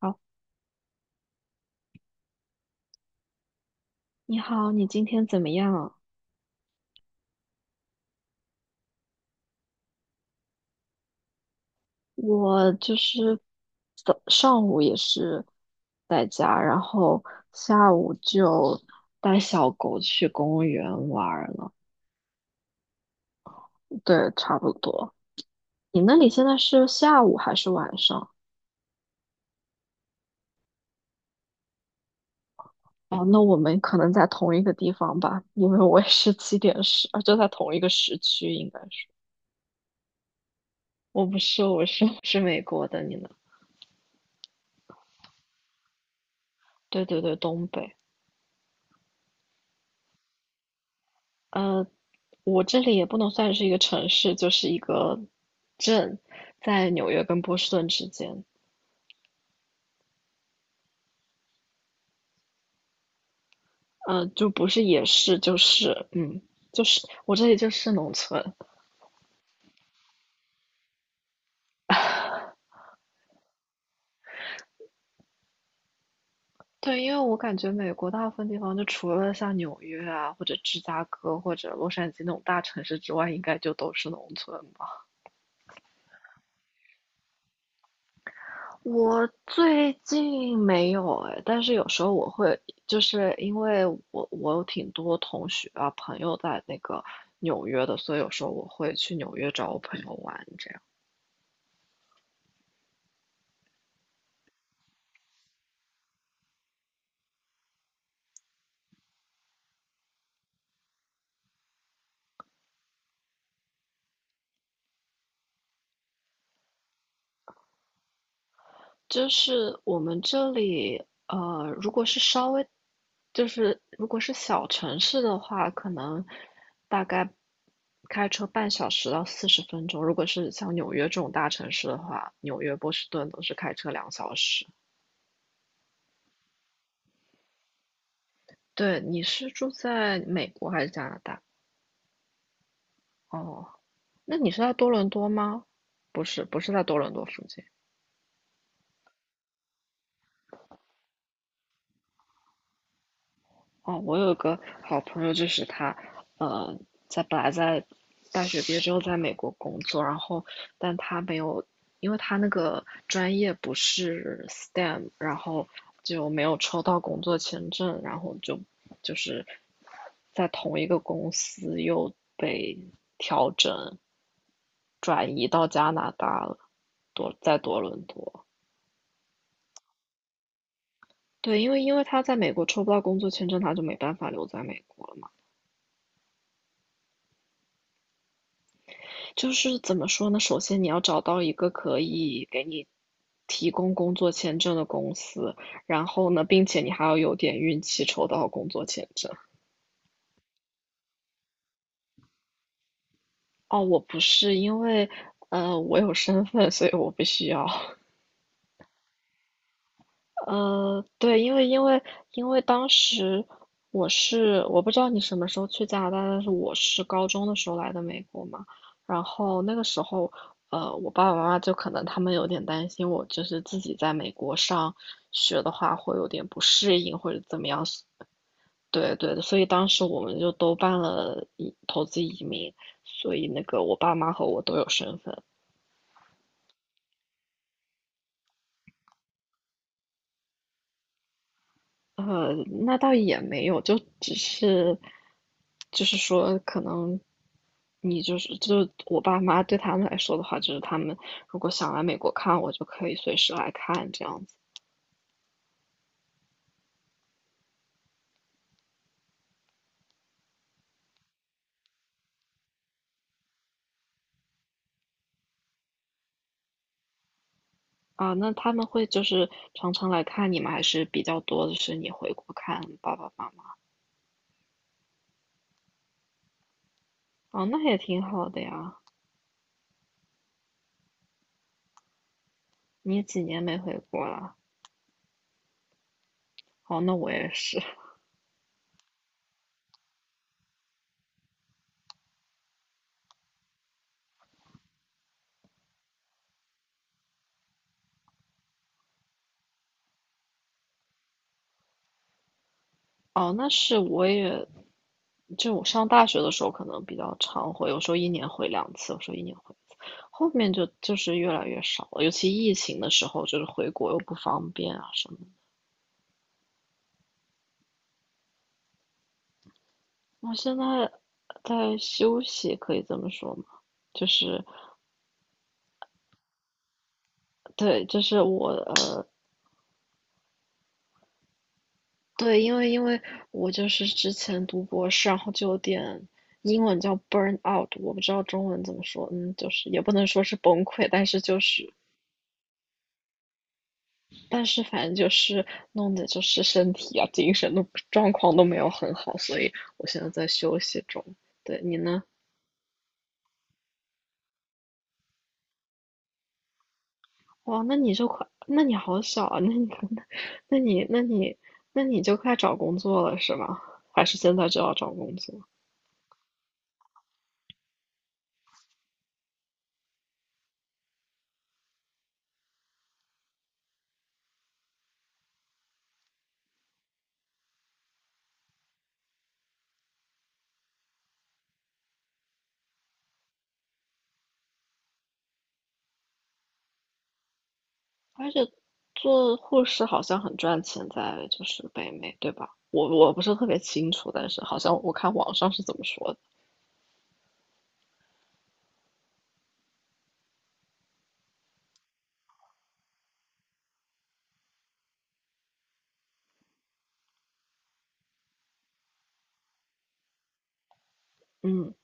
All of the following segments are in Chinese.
好，你好，你今天怎么样啊？我就是早上午也是在家，然后下午就带小狗去公园玩儿了。对，差不多。你那里现在是下午还是晚上？哦，那我们可能在同一个地方吧，因为我也是七点十，就在同一个时区，应该是。我不是，我是 是美国的，你呢？对对对，东北。呃，我这里也不能算是一个城市，就是一个镇，在纽约跟波士顿之间，嗯，就不是也是，就是，就是我这里就是农村。对，因为我感觉美国大部分地方，就除了像纽约啊，或者芝加哥，或者洛杉矶那种大城市之外，应该就都是农村吧。我最近没有哎，但是有时候我会，就是因为我有挺多同学啊朋友在那个纽约的，所以有时候我会去纽约找我朋友玩，这样。就是我们这里，如果是稍微，就是如果是小城市的话，可能大概开车半小时到40分钟；如果是像纽约这种大城市的话，纽约、波士顿都是开车2小时。对，你是住在美国还是加拿大？哦，那你是在多伦多吗？不是，不是在多伦多附近。哦，我有个好朋友，就是他，呃，本来在大学毕业之后在美国工作，然后但他没有，因为他那个专业不是 STEM，然后就没有抽到工作签证，然后就是在同一个公司又被调整，转移到加拿大了，在多伦多。对，因为他在美国抽不到工作签证，他就没办法留在美国了嘛。就是怎么说呢？首先你要找到一个可以给你提供工作签证的公司，然后呢，并且你还要有点运气抽到工作签证。哦，我不是，因为我有身份，所以我不需要。对，因为当时我不知道你什么时候去加拿大，但是我是高中的时候来的美国嘛，然后那个时候，我爸爸妈妈就可能他们有点担心我，就是自己在美国上学的话会有点不适应或者怎么样，对对所以当时我们就都办了投资移民，所以那个我爸妈和我都有身份。呃，那倒也没有，就只是，就是说，可能你就是我爸妈对他们来说的话，就是他们如果想来美国看我，就可以随时来看这样子啊。那他们会就是常常来看你吗？还是比较多的是你回国看爸爸妈妈？哦，那也挺好的呀。你几年没回国了？哦，那我也是。哦，那是我也，就我上大学的时候可能比较常回，有时候一年回2次，有时候一年回。后面就是越来越少了，尤其疫情的时候，就是回国又不方便啊什么。我现在在休息，可以这么说吗？就是对，就是我对，因为我就是之前读博士，然后就有点英文叫 burn out，我不知道中文怎么说，嗯，就是也不能说是崩溃，但是就是但是反正就是弄的就是身体啊、精神都状况都没有很好，所以我现在在休息中。对你呢？哇，那你就快，那你好小啊！那你 那你，那你，那你就快找工作了是吗？还是现在就要找工作？而且做护士好像很赚钱，在就是北美，对吧？我不是特别清楚，但是好像我看网上是怎么说的。嗯。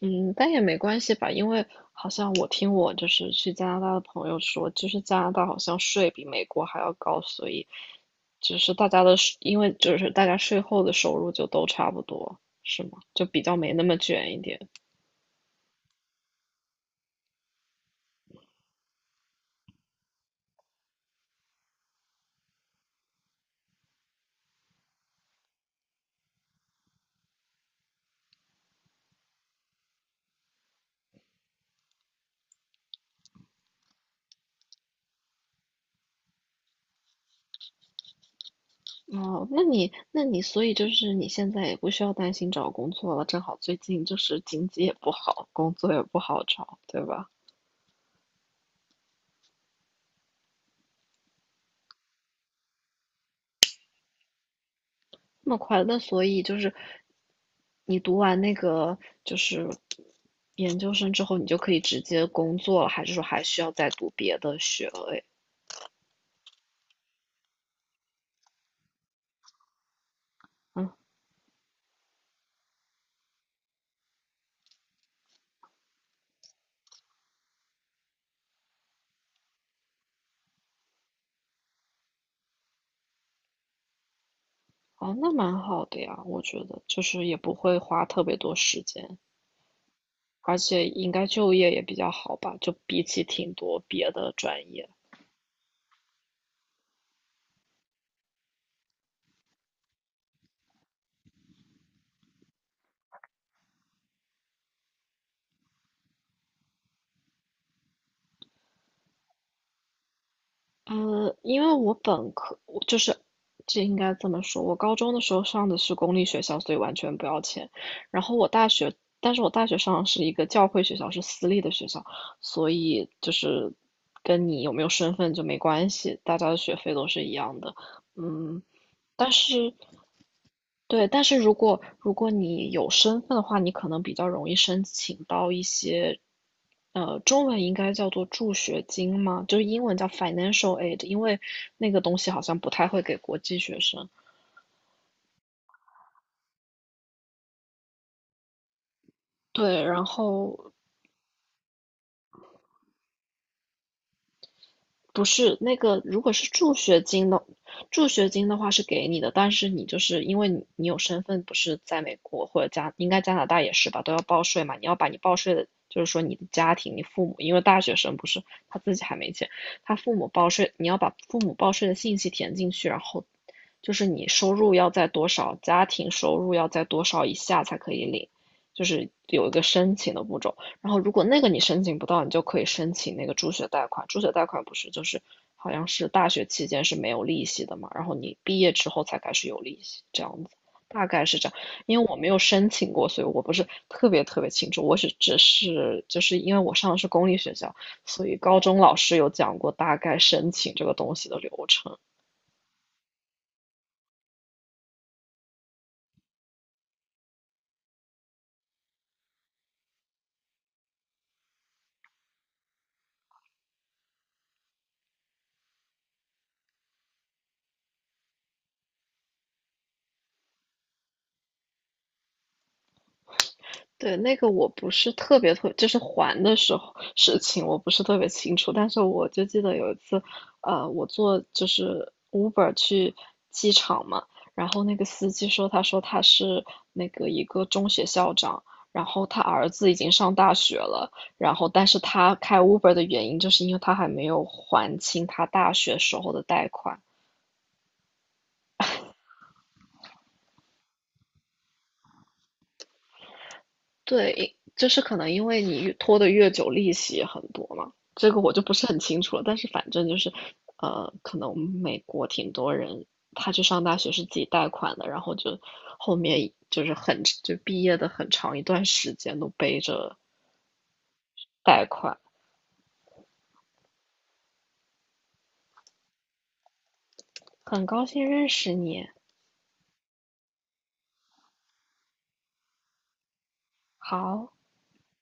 嗯，但也没关系吧，因为好像我听我就是去加拿大的朋友说，就是加拿大好像税比美国还要高，所以就是大家的税，因为就是大家税后的收入就都差不多，是吗？就比较没那么卷一点。哦，那你所以就是你现在也不需要担心找工作了，正好最近就是经济也不好，工作也不好找，对吧？那么快乐那所以就是你读完那个就是研究生之后，你就可以直接工作了，还是说还需要再读别的学位？嗯，哦，那蛮好的呀，我觉得就是也不会花特别多时间，而且应该就业也比较好吧，就比起挺多别的专业。因为我本科我就是这应该这么说，我高中的时候上的是公立学校，所以完全不要钱。然后我大学，但是我大学上的是一个教会学校，是私立的学校，所以就是跟你有没有身份就没关系，大家的学费都是一样的。嗯，但是对，但是如果你有身份的话，你可能比较容易申请到一些，中文应该叫做助学金吗？就是英文叫 financial aid，因为那个东西好像不太会给国际学生。对，然后不是那个，如果是助学金的，助学金的话是给你的，但是你就是因为你有身份，不是在美国或者加，应该加拿大也是吧，都要报税嘛。你要把你报税的，就是说你的家庭、你父母，因为大学生不是他自己还没钱，他父母报税，你要把父母报税的信息填进去，然后就是你收入要在多少，家庭收入要在多少以下才可以领，就是有一个申请的步骤。然后如果那个你申请不到，你就可以申请那个助学贷款。助学贷款不是就是好像是大学期间是没有利息的嘛，然后你毕业之后才开始有利息，这样子，大概是这样。因为我没有申请过，所以我不是特别特别清楚。我是只是就是因为我上的是公立学校，所以高中老师有讲过大概申请这个东西的流程。对，那个我不是特别特，就是还的时候事情，我不是特别清楚。但是我就记得有一次，我坐就是 Uber 去机场嘛，然后那个司机说，他说他是那个一个中学校长，然后他儿子已经上大学了，然后但是他开 Uber 的原因就是因为他还没有还清他大学时候的贷款，对，就是可能因为你越拖得越久，利息也很多嘛，这个我就不是很清楚了。但是反正就是，可能美国挺多人他去上大学是自己贷款的，然后就后面就是很就毕业的很长一段时间都背着贷款。很高兴认识你，好。